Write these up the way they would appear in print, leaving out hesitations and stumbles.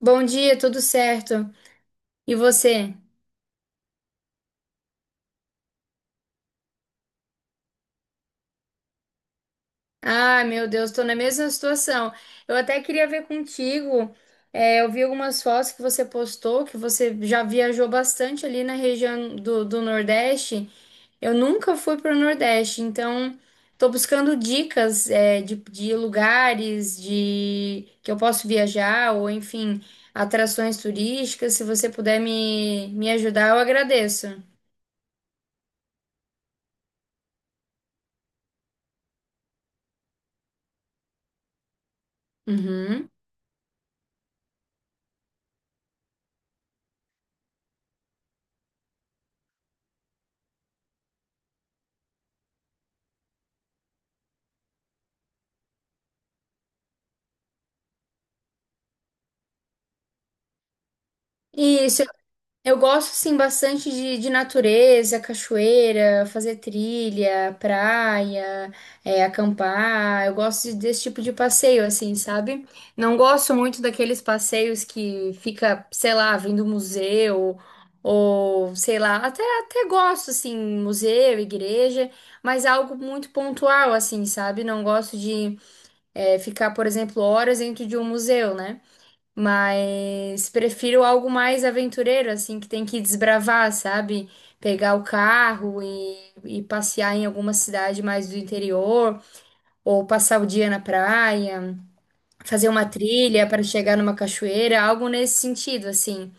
Bom dia, tudo certo? E você? Ah, meu Deus, tô na mesma situação. Eu até queria ver contigo. Eu vi algumas fotos que você postou, que você já viajou bastante ali na região do Nordeste. Eu nunca fui para o Nordeste, então tô buscando dicas, de lugares de que eu posso viajar, ou enfim, atrações turísticas. Se você puder me ajudar, eu agradeço. Uhum. Isso. Eu gosto, sim, bastante de natureza, cachoeira, fazer trilha, praia, é, acampar. Eu desse tipo de passeio, assim, sabe? Não gosto muito daqueles passeios que fica, sei lá, vindo museu, ou sei lá, até gosto, assim, museu, igreja, mas algo muito pontual, assim, sabe? Não gosto de, é, ficar, por exemplo, horas dentro de um museu, né? Mas prefiro algo mais aventureiro, assim, que tem que desbravar, sabe? Pegar o carro e passear em alguma cidade mais do interior, ou passar o dia na praia, fazer uma trilha para chegar numa cachoeira, algo nesse sentido, assim.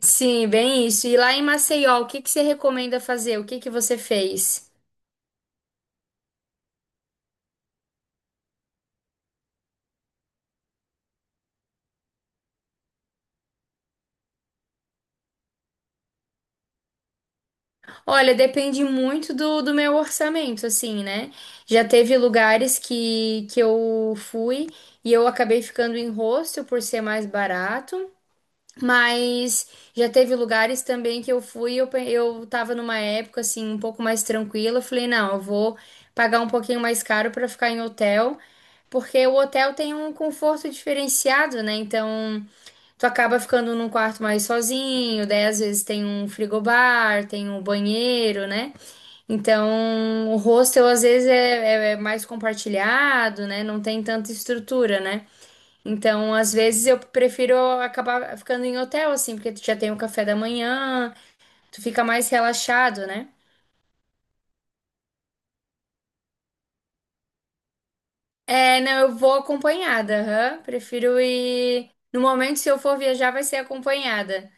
Sim, bem isso. E lá em Maceió, o que que você recomenda fazer? O que que você fez? Olha, depende muito do meu orçamento, assim, né? Já teve lugares que eu fui e eu acabei ficando em hostel por ser mais barato, mas já teve lugares também que eu fui e eu tava numa época, assim, um pouco mais tranquila. Eu falei, não, eu vou pagar um pouquinho mais caro pra ficar em hotel, porque o hotel tem um conforto diferenciado, né? Então, tu acaba ficando num quarto mais sozinho, daí às vezes tem um frigobar, tem um banheiro, né? Então, o hostel às vezes é mais compartilhado, né? Não tem tanta estrutura, né? Então, às vezes eu prefiro acabar ficando em hotel, assim, porque tu já tem o café da manhã, tu fica mais relaxado, né? É, não, eu vou acompanhada, aham. Prefiro ir. No momento, se eu for viajar, vai ser acompanhada.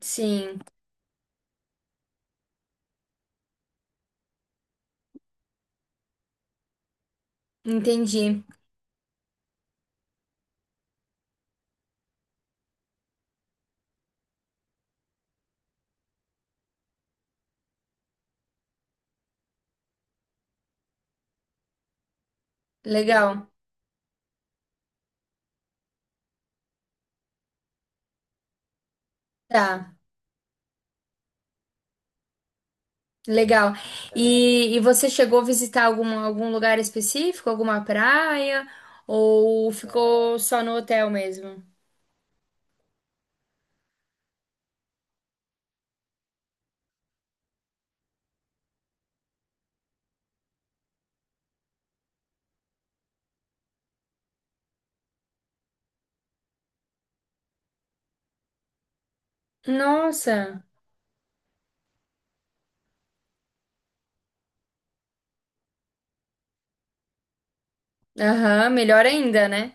Sim, entendi. Legal. Tá. Legal. E você chegou a visitar algum lugar específico, alguma praia, ou ficou só no hotel mesmo? Nossa, aham, melhor ainda, né?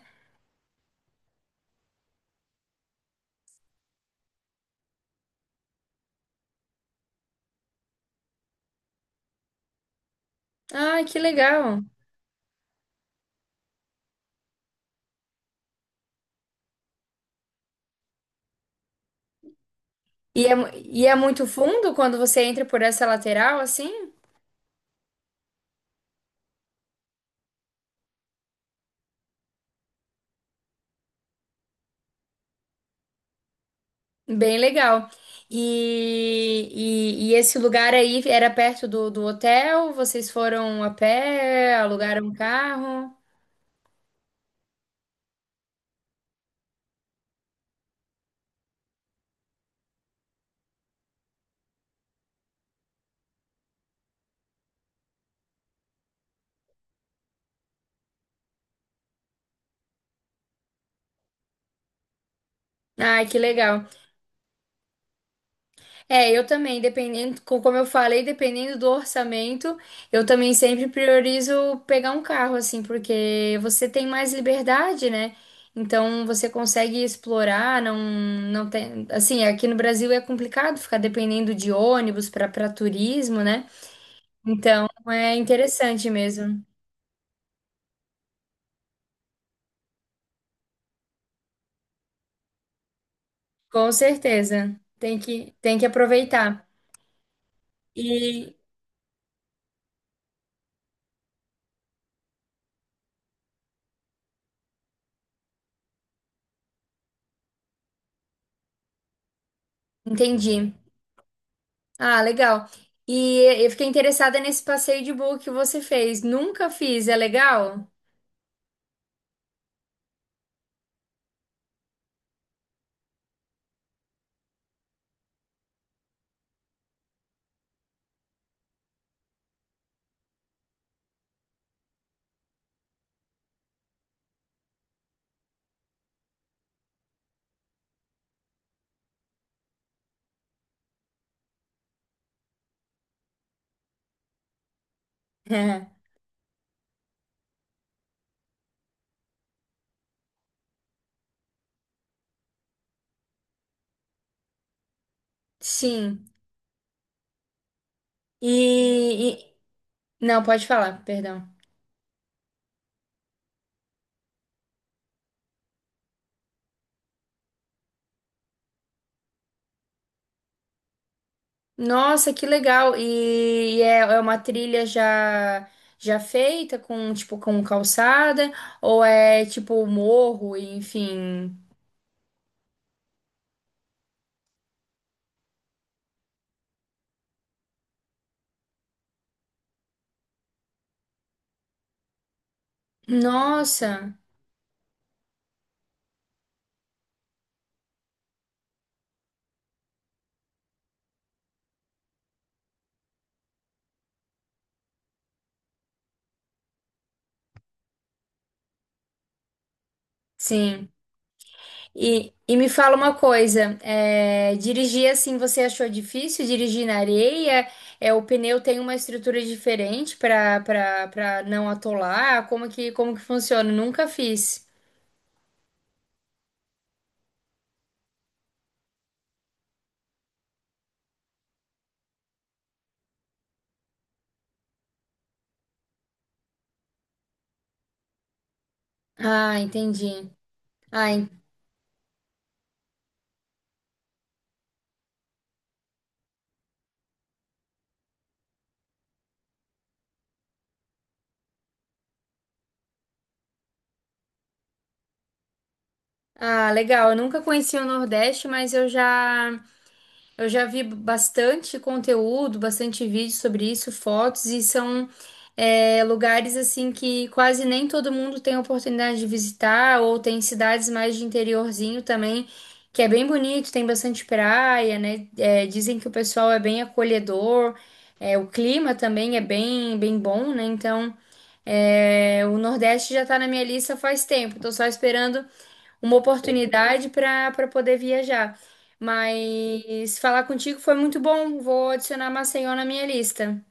Ah, que legal. E é muito fundo quando você entra por essa lateral, assim? Bem legal. E, e esse lugar aí era perto do hotel? Vocês foram a pé, alugaram um carro? Ai, que legal. É, eu também, dependendo, como eu falei, dependendo do orçamento, eu também sempre priorizo pegar um carro, assim, porque você tem mais liberdade, né? Então você consegue explorar, não, tem, assim, aqui no Brasil é complicado ficar dependendo de ônibus para turismo, né? Então é interessante mesmo, com certeza. Tem que aproveitar. E entendi. Ah, legal. E eu fiquei interessada nesse passeio de bug que você fez. Nunca fiz, é legal? É. Sim. E, e- Não, pode falar, perdão. Nossa, que legal. E é, é uma trilha já feita com tipo com calçada ou é tipo morro, enfim. Nossa. Sim. E me fala uma coisa, é, dirigir assim você achou difícil? Dirigir na areia? É, o pneu tem uma estrutura diferente para não atolar? Como que funciona? Nunca fiz. Ah, entendi. Ah, en- legal. Eu nunca conheci o Nordeste, mas eu já eu já vi bastante conteúdo, bastante vídeo sobre isso, fotos, e são é, lugares assim que quase nem todo mundo tem oportunidade de visitar, ou tem cidades mais de interiorzinho também, que é bem bonito, tem bastante praia, né? É, dizem que o pessoal é bem acolhedor, é, o clima também é bem, bem bom, né? Então, é, o Nordeste já tá na minha lista faz tempo, tô só esperando uma oportunidade para poder viajar. Mas falar contigo foi muito bom. Vou adicionar Maceió na minha lista.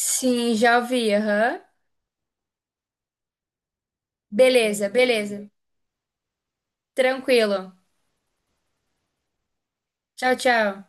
Sim, já ouvi. Aham. Beleza, beleza. Tranquilo. Tchau, tchau.